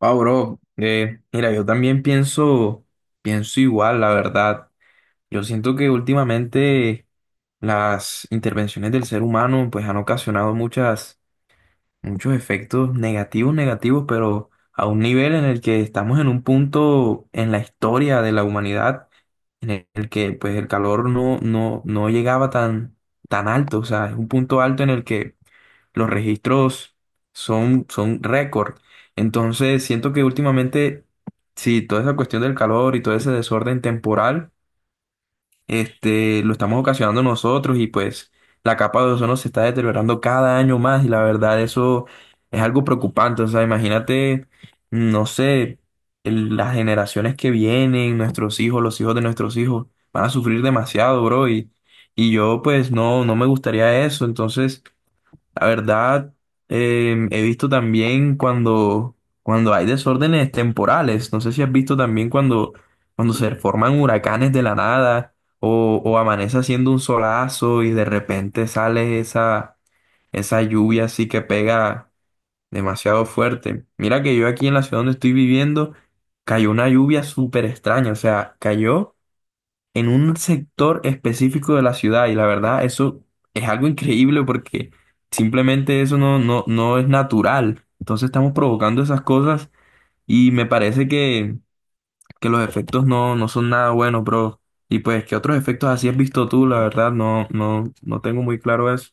Ah, bro, mira, yo también pienso igual, la verdad. Yo siento que últimamente las intervenciones del ser humano pues han ocasionado muchos efectos negativos, pero a un nivel en el que estamos en un punto en la historia de la humanidad en el que pues el calor no llegaba tan alto, o sea, es un punto alto en el que los registros son récord. Entonces, siento que últimamente, sí, toda esa cuestión del calor y todo ese desorden temporal, lo estamos ocasionando nosotros y pues la capa de ozono se está deteriorando cada año más y la verdad eso es algo preocupante. O sea, imagínate, no sé, las generaciones que vienen, nuestros hijos, los hijos de nuestros hijos, van a sufrir demasiado, bro, y yo pues no me gustaría eso. Entonces, la verdad, he visto también cuando hay desórdenes temporales. No sé si has visto también cuando se forman huracanes de la nada o amanece haciendo un solazo y de repente sale esa lluvia así que pega demasiado fuerte. Mira que yo aquí en la ciudad donde estoy viviendo cayó una lluvia súper extraña. O sea, cayó en un sector específico de la ciudad y la verdad eso es algo increíble porque simplemente eso no es natural. Entonces estamos provocando esas cosas y me parece que los efectos no son nada buenos, bro. Y pues, ¿qué otros efectos así has visto tú? La verdad, no tengo muy claro eso.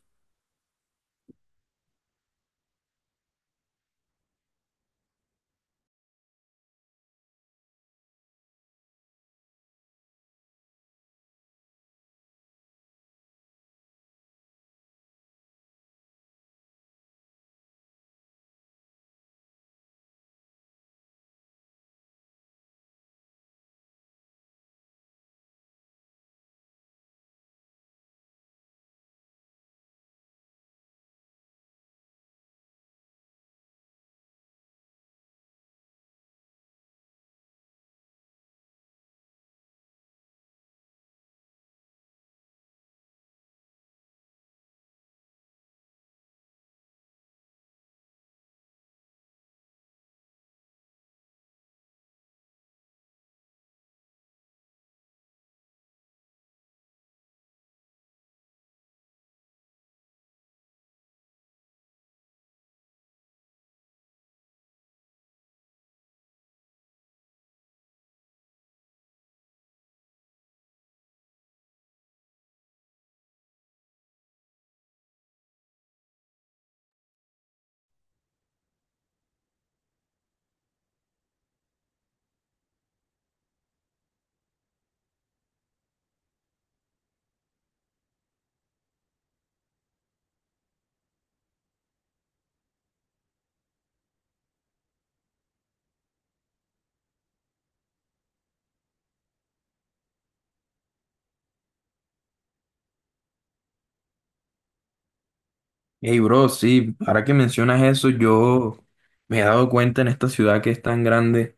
Hey, bro, sí, ahora que mencionas eso, yo me he dado cuenta en esta ciudad que es tan grande,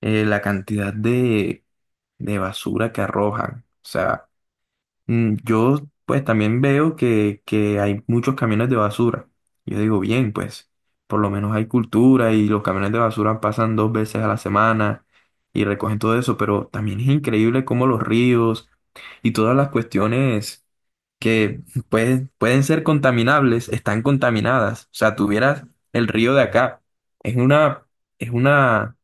la cantidad de basura que arrojan. O sea, mm, yo pues también veo que hay muchos camiones de basura. Yo digo, bien, pues por lo menos hay cultura y los camiones de basura pasan dos veces a la semana y recogen todo eso, pero también es increíble cómo los ríos y todas las cuestiones que pueden ser contaminables están contaminadas. O sea, tuvieras el río de acá. Es una, es una,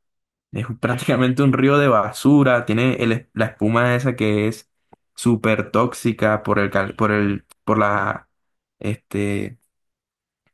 es prácticamente un río de basura, tiene el la espuma esa que es súper tóxica por este,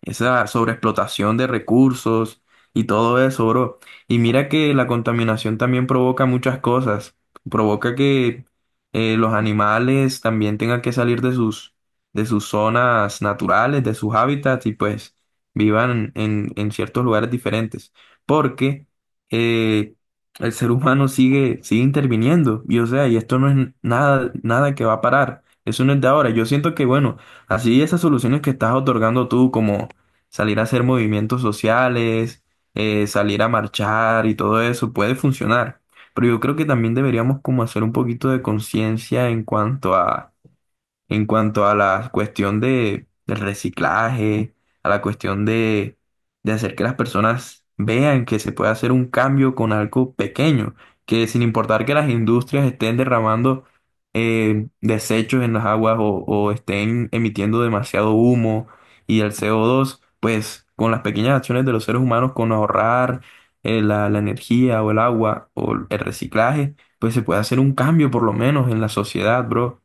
esa sobreexplotación de recursos y todo eso, bro. Y mira que la contaminación también provoca muchas cosas. Provoca que los animales también tengan que salir de de sus zonas naturales, de sus hábitats y pues vivan en ciertos lugares diferentes. Porque eh, el ser humano sigue interviniendo. Y o sea, y esto no es nada que va a parar. Eso no es de ahora. Yo siento que, bueno, así esas soluciones que estás otorgando tú como salir a hacer movimientos sociales, salir a marchar y todo eso puede funcionar. Pero yo creo que también deberíamos como hacer un poquito de conciencia en cuanto a la cuestión del reciclaje, a la cuestión de hacer que las personas vean que se puede hacer un cambio con algo pequeño, que sin importar que las industrias estén derramando desechos en las aguas o estén emitiendo demasiado humo y el CO2, pues con las pequeñas acciones de los seres humanos, con ahorrar la energía o el agua o el reciclaje, pues se puede hacer un cambio por lo menos en la sociedad, bro.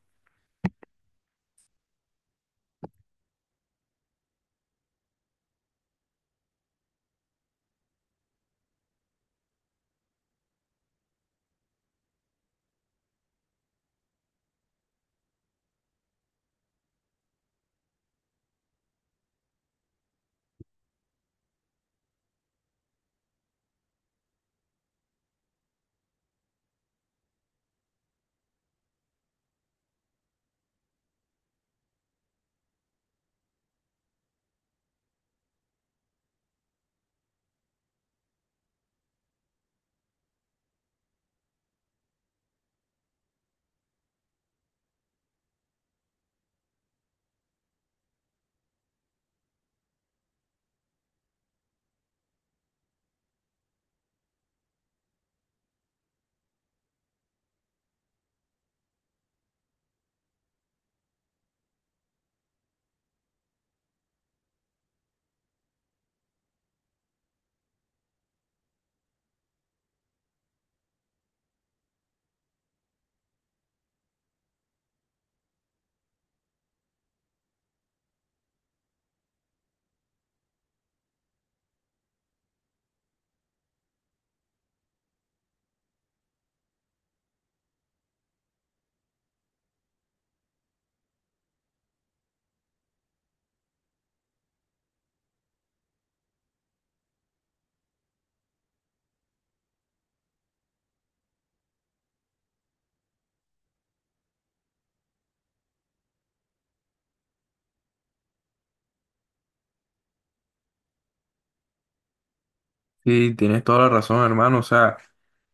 Sí, tienes toda la razón, hermano. O sea,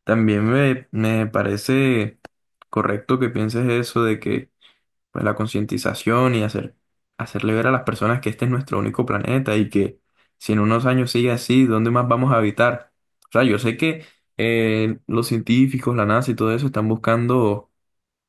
también me parece correcto que pienses eso de que pues, la concientización y hacerle ver a las personas que este es nuestro único planeta y que si en unos años sigue así, ¿dónde más vamos a habitar? O sea, yo sé que los científicos, la NASA y todo eso están buscando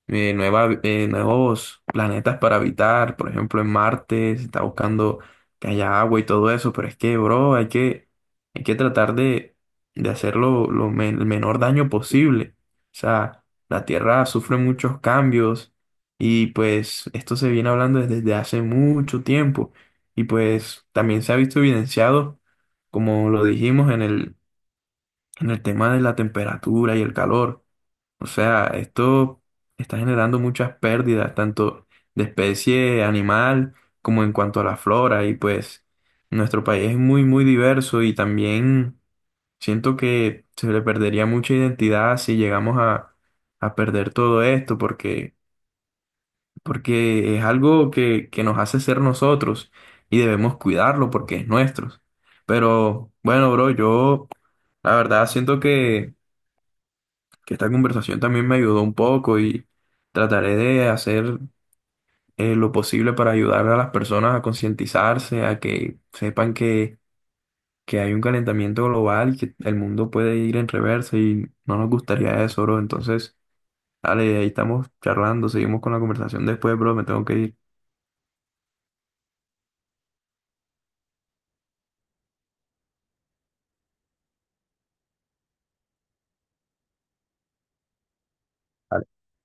nuevos planetas para habitar. Por ejemplo, en Marte se está buscando que haya agua y todo eso, pero es que, bro, hay que tratar de hacerlo lo el menor daño posible. O sea, la Tierra sufre muchos cambios y pues esto se viene hablando desde hace mucho tiempo y pues también se ha visto evidenciado, como lo dijimos en en el tema de la temperatura y el calor. O sea, esto está generando muchas pérdidas, tanto de especie animal como en cuanto a la flora. Y pues nuestro país es muy diverso y también siento que se le perdería mucha identidad si llegamos a perder todo esto, porque es algo que nos hace ser nosotros y debemos cuidarlo porque es nuestro. Pero bueno, bro, yo la verdad siento que esta conversación también me ayudó un poco y trataré de hacer lo posible para ayudar a las personas a concientizarse, a que sepan que hay un calentamiento global y que el mundo puede ir en reversa y no nos gustaría eso, bro. Entonces, dale, ahí estamos charlando, seguimos con la conversación después, bro, me tengo que ir.